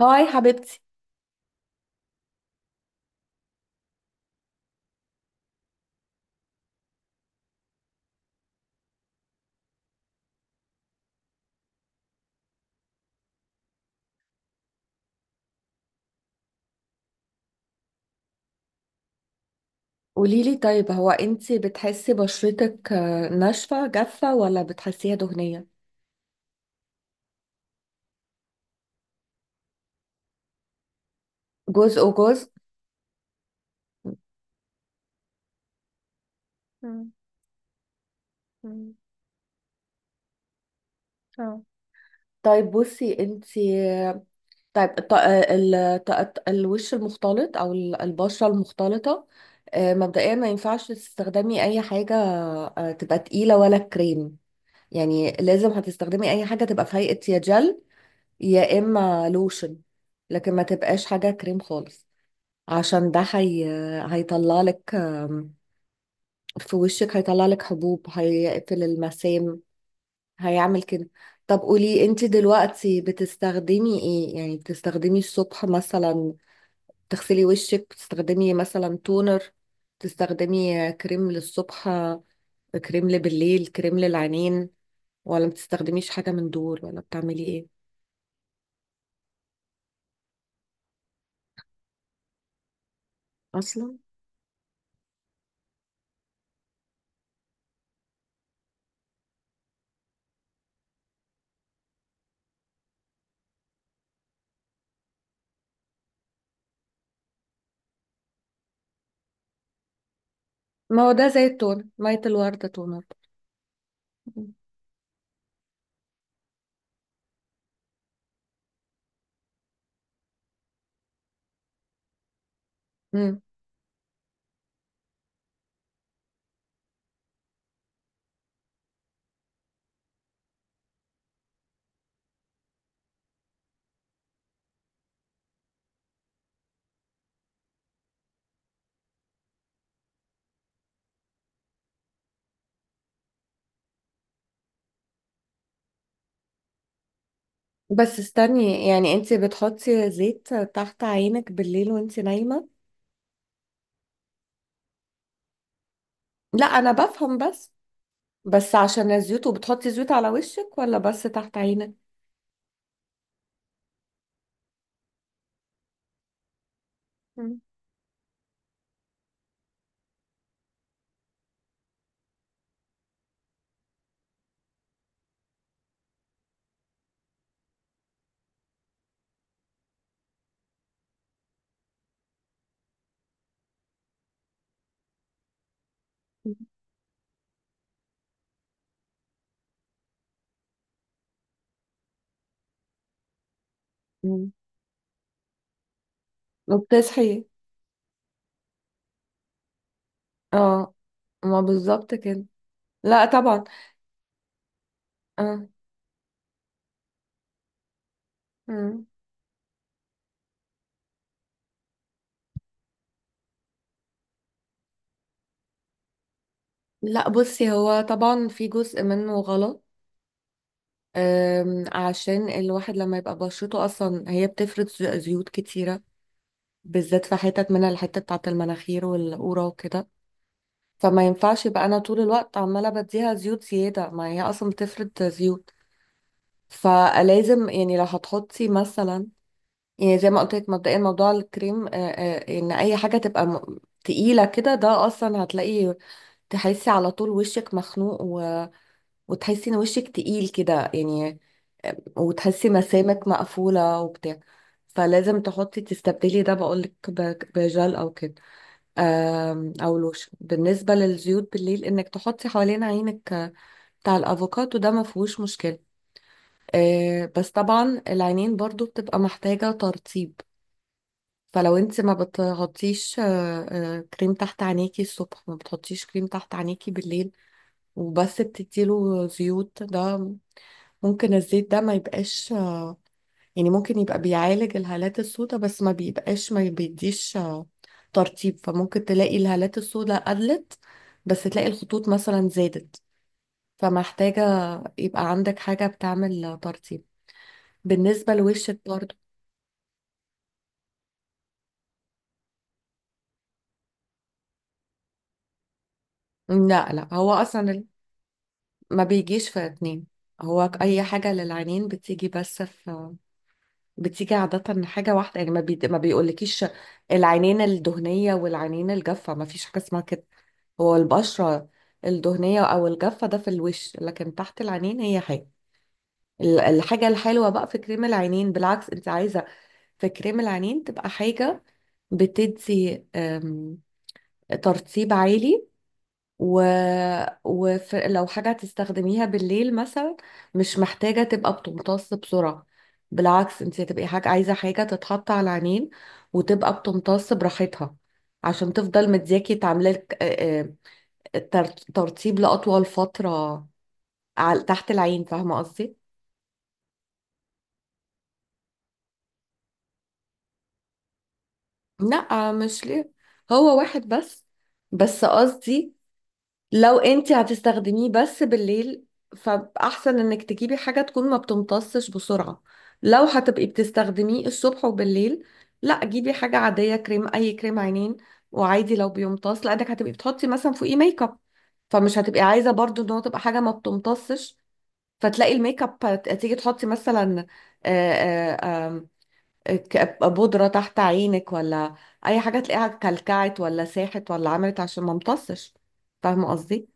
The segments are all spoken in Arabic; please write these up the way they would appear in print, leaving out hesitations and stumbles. هاي حبيبتي. قوليلي طيب، هو انتي بتحسي بشرتك ناشفة جافة ولا بتحسيها دهنية؟ جزء وجزء. مم. مم. اه، طيب بصي انتي، آه، طيب الط... آه، الوش المختلط او البشرة المختلطة. مبدئيا ما ينفعش تستخدمي اي حاجة تبقى تقيلة ولا كريم، يعني لازم هتستخدمي اي حاجة تبقى في هيئة يا جل يا اما لوشن. لكن ما تبقاش حاجة كريم خالص، عشان ده هيطلع لك في وشك، هيطلع لك حبوب، هيقفل المسام، هيعمل كده. طب قولي انت دلوقتي بتستخدمي ايه، يعني بتستخدمي الصبح مثلا تغسلي وشك، بتستخدمي مثلا تونر، بتستخدمي كريم للصبح، كريم بالليل، كريم للعينين، ولا بتستخدميش حاجة من دول ولا بتعملي ايه اصلا؟ ما هو ده زي التونر، مية الوردة تونر. بس استني، يعني انت بتحطي زيت تحت عينك بالليل وانت نايمة؟ لا انا بفهم، بس بس عشان الزيوت، وبتحطي زيوت على وشك ولا بس تحت عينك؟ مم. مم. وبتصحي؟ اه، ما بالظبط كده. لا طبعا. اه. مم. لا بصي، هو طبعا في جزء منه غلط. عشان الواحد لما يبقى بشرته اصلا هي بتفرز زيوت كتيرة، بالذات في حتت منها الحتة بتاعت المناخير والقورة وكده، فما ينفعش يبقى انا طول الوقت عماله بديها زيوت زياده، ما هي اصلا بتفرد زيوت. فلازم يعني لو هتحطي مثلا، يعني زي ما قلت لك مبدئيا، موضوع الكريم ان اي حاجه تبقى تقيله كده، ده اصلا هتلاقي تحسي على طول وشك مخنوق، وتحسي ان وشك تقيل كده يعني. وتحسي مسامك مقفوله وبتاع. فلازم تحطي تستبدلي ده، بقولك بجل او كده، او لوشن. بالنسبه للزيوت بالليل، انك تحطي حوالين عينك بتاع الافوكادو ده، ما فيهوش مشكله. بس طبعا العينين برضو بتبقى محتاجه ترطيب. فلو انت ما بتحطيش كريم تحت عينيكي الصبح، ما بتحطيش كريم تحت عينيكي بالليل، وبس بتديله زيوت ده، ممكن الزيت ده ما يبقاش، يعني ممكن يبقى بيعالج الهالات السوداء بس ما بيبقاش ما بيديش ترطيب. فممكن تلاقي الهالات السوداء قلت، بس تلاقي الخطوط مثلا زادت، فمحتاجة يبقى عندك حاجة بتعمل ترطيب، بالنسبة لوشك برضه. لا لا، هو أصلا ما بيجيش في اتنين، هو أي حاجة للعينين بتيجي بس في، بتيجي عادة حاجة واحدة، يعني ما بيقولكيش العينين الدهنية والعينين الجافة، ما فيش حاجة اسمها كده. هو البشرة الدهنية أو الجافة ده في الوش، لكن تحت العينين هي حاجة. الحاجة الحلوة بقى في كريم العينين، بالعكس أنت عايزة في كريم العينين تبقى حاجة بتدي ترطيب عالي، و... ولو حاجة هتستخدميها بالليل مثلا، مش محتاجة تبقى بتمتص بسرعة. بالعكس أنت هتبقي حاجة، عايزة حاجة تتحط على العينين وتبقى بتمتص براحتها، عشان تفضل مدياكي تعملك ترطيب لأطول فترة على تحت العين، فاهمة قصدي؟ لا مش ليه، هو واحد بس. بس قصدي لو انت هتستخدميه بس بالليل، فأحسن انك تجيبي حاجة تكون ما بتمتصش بسرعة. لو هتبقي بتستخدميه الصبح وبالليل، لا جيبي حاجة عادية، كريم، أي كريم عينين، وعادي لو بيمتص، لأنك هتبقي بتحطي مثلا فوقيه ميك اب، فمش هتبقي عايزة برضو ان هو تبقى حاجة ما بتمتصش. فتلاقي الميك اب تيجي تحطي مثلا آه، آه، بودرة تحت عينك، ولا أي حاجة تلاقيها كلكعت ولا ساحت ولا عملت عشان ما امتصش. فاهمة قصدي؟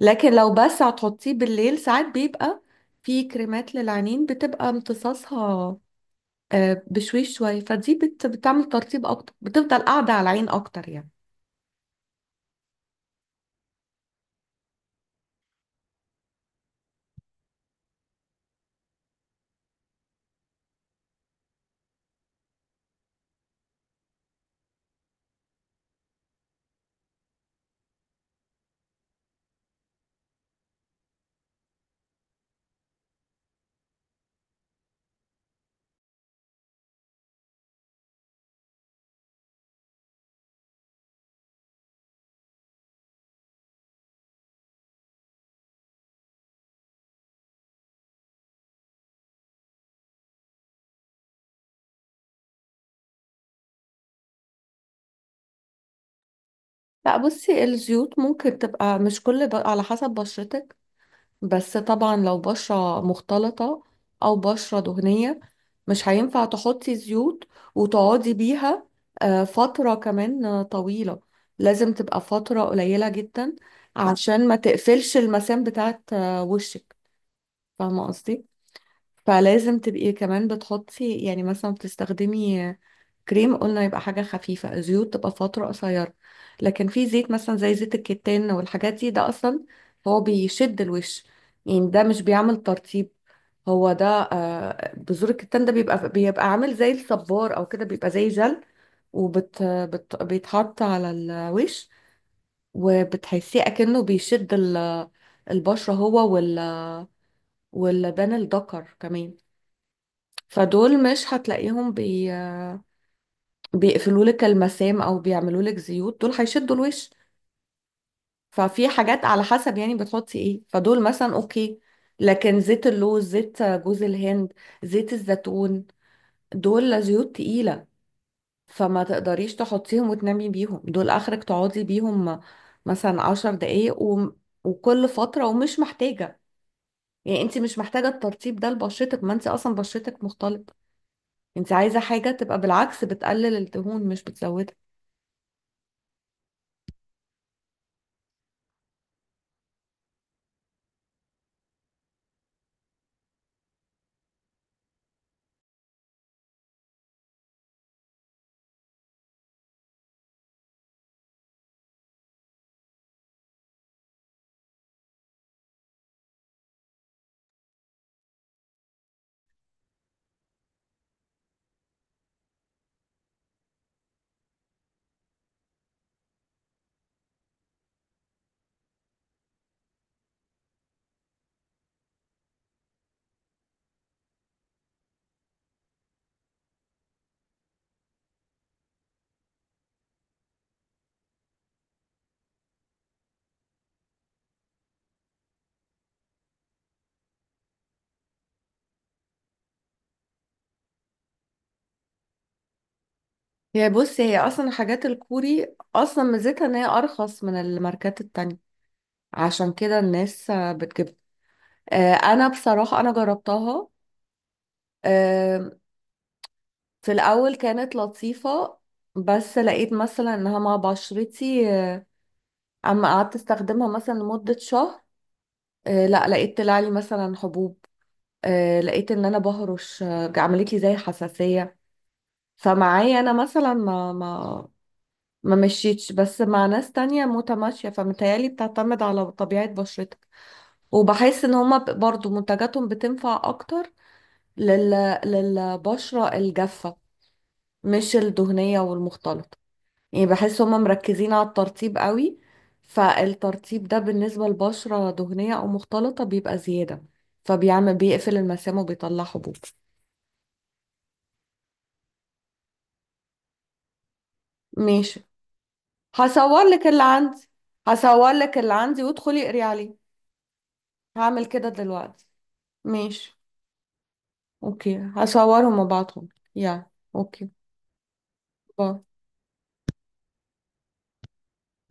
لكن لو بس هتحطيه بالليل ساعات بيبقى في كريمات للعينين بتبقى امتصاصها بشويش شوية، فدي بتعمل ترطيب أكتر، بتفضل قاعدة على العين أكتر يعني. لا بصي، الزيوت ممكن تبقى مش كل على حسب بشرتك. بس طبعا لو بشرة مختلطة أو بشرة دهنية، مش هينفع تحطي زيوت وتقعدي بيها فترة كمان طويلة، لازم تبقى فترة قليلة جدا، عشان ما تقفلش المسام بتاعت وشك. فاهمة قصدي؟ فلازم تبقي كمان بتحطي، يعني مثلا بتستخدمي كريم قلنا يبقى حاجة خفيفة، زيوت تبقى فترة قصيرة. لكن في زيت مثلا زي زيت الكتان والحاجات دي، ده أصلا هو بيشد الوش، يعني ده مش بيعمل ترطيب. هو ده بذور الكتان ده بيبقى عامل زي الصبار أو كده، بيبقى زي جل، وبت بت بيتحط على الوش، وبتحسيه أكنه بيشد البشرة، هو واللبان الدكر كمان. فدول مش هتلاقيهم بيقفلوا لك المسام او بيعملوا لك زيوت، دول هيشدوا الوش. ففي حاجات على حسب يعني بتحطي ايه، فدول مثلا اوكي. لكن زيت اللوز، زيت جوز الهند، زيت الزيتون، دول زيوت تقيلة، فما تقدريش تحطيهم وتنامي بيهم. دول اخرك تقعدي بيهم مثلا عشر دقايق وكل فترة. ومش محتاجة، يعني انت مش محتاجة الترطيب ده لبشرتك، ما انت اصلا بشرتك مختلط. انت عايزة حاجة تبقى بالعكس بتقلل الدهون مش بتزودها. هي بص، هي اصلا حاجات الكوري اصلا ميزتها ان هي ارخص من الماركات التانية، عشان كده الناس بتجيبها. انا بصراحة انا جربتها. آه، في الاول كانت لطيفة، بس لقيت مثلا انها مع بشرتي اما قعدت استخدمها مثلا لمدة شهر، لا لقيت طلع لي مثلا حبوب، لقيت ان انا بهرش، عملت لي زي حساسية. فمعايا انا مثلا ما ما ما مشيتش، بس مع ناس تانية متماشية، فمتهيألي بتعتمد على طبيعة بشرتك. وبحس ان هما برضو منتجاتهم بتنفع اكتر لل... للبشرة الجافة، مش الدهنية والمختلطة. يعني بحس هما مركزين على الترطيب قوي، فالترطيب ده بالنسبة لبشرة دهنية او مختلطة بيبقى زيادة، فبيعمل بيقفل المسام وبيطلع حبوب. ماشي، هصور لك اللي عندي. هصور لك اللي عندي وادخلي اقري عليه. هعمل كده دلوقتي. ماشي. اوكي هصورهم وابعتهم. يا، اوكي. باي.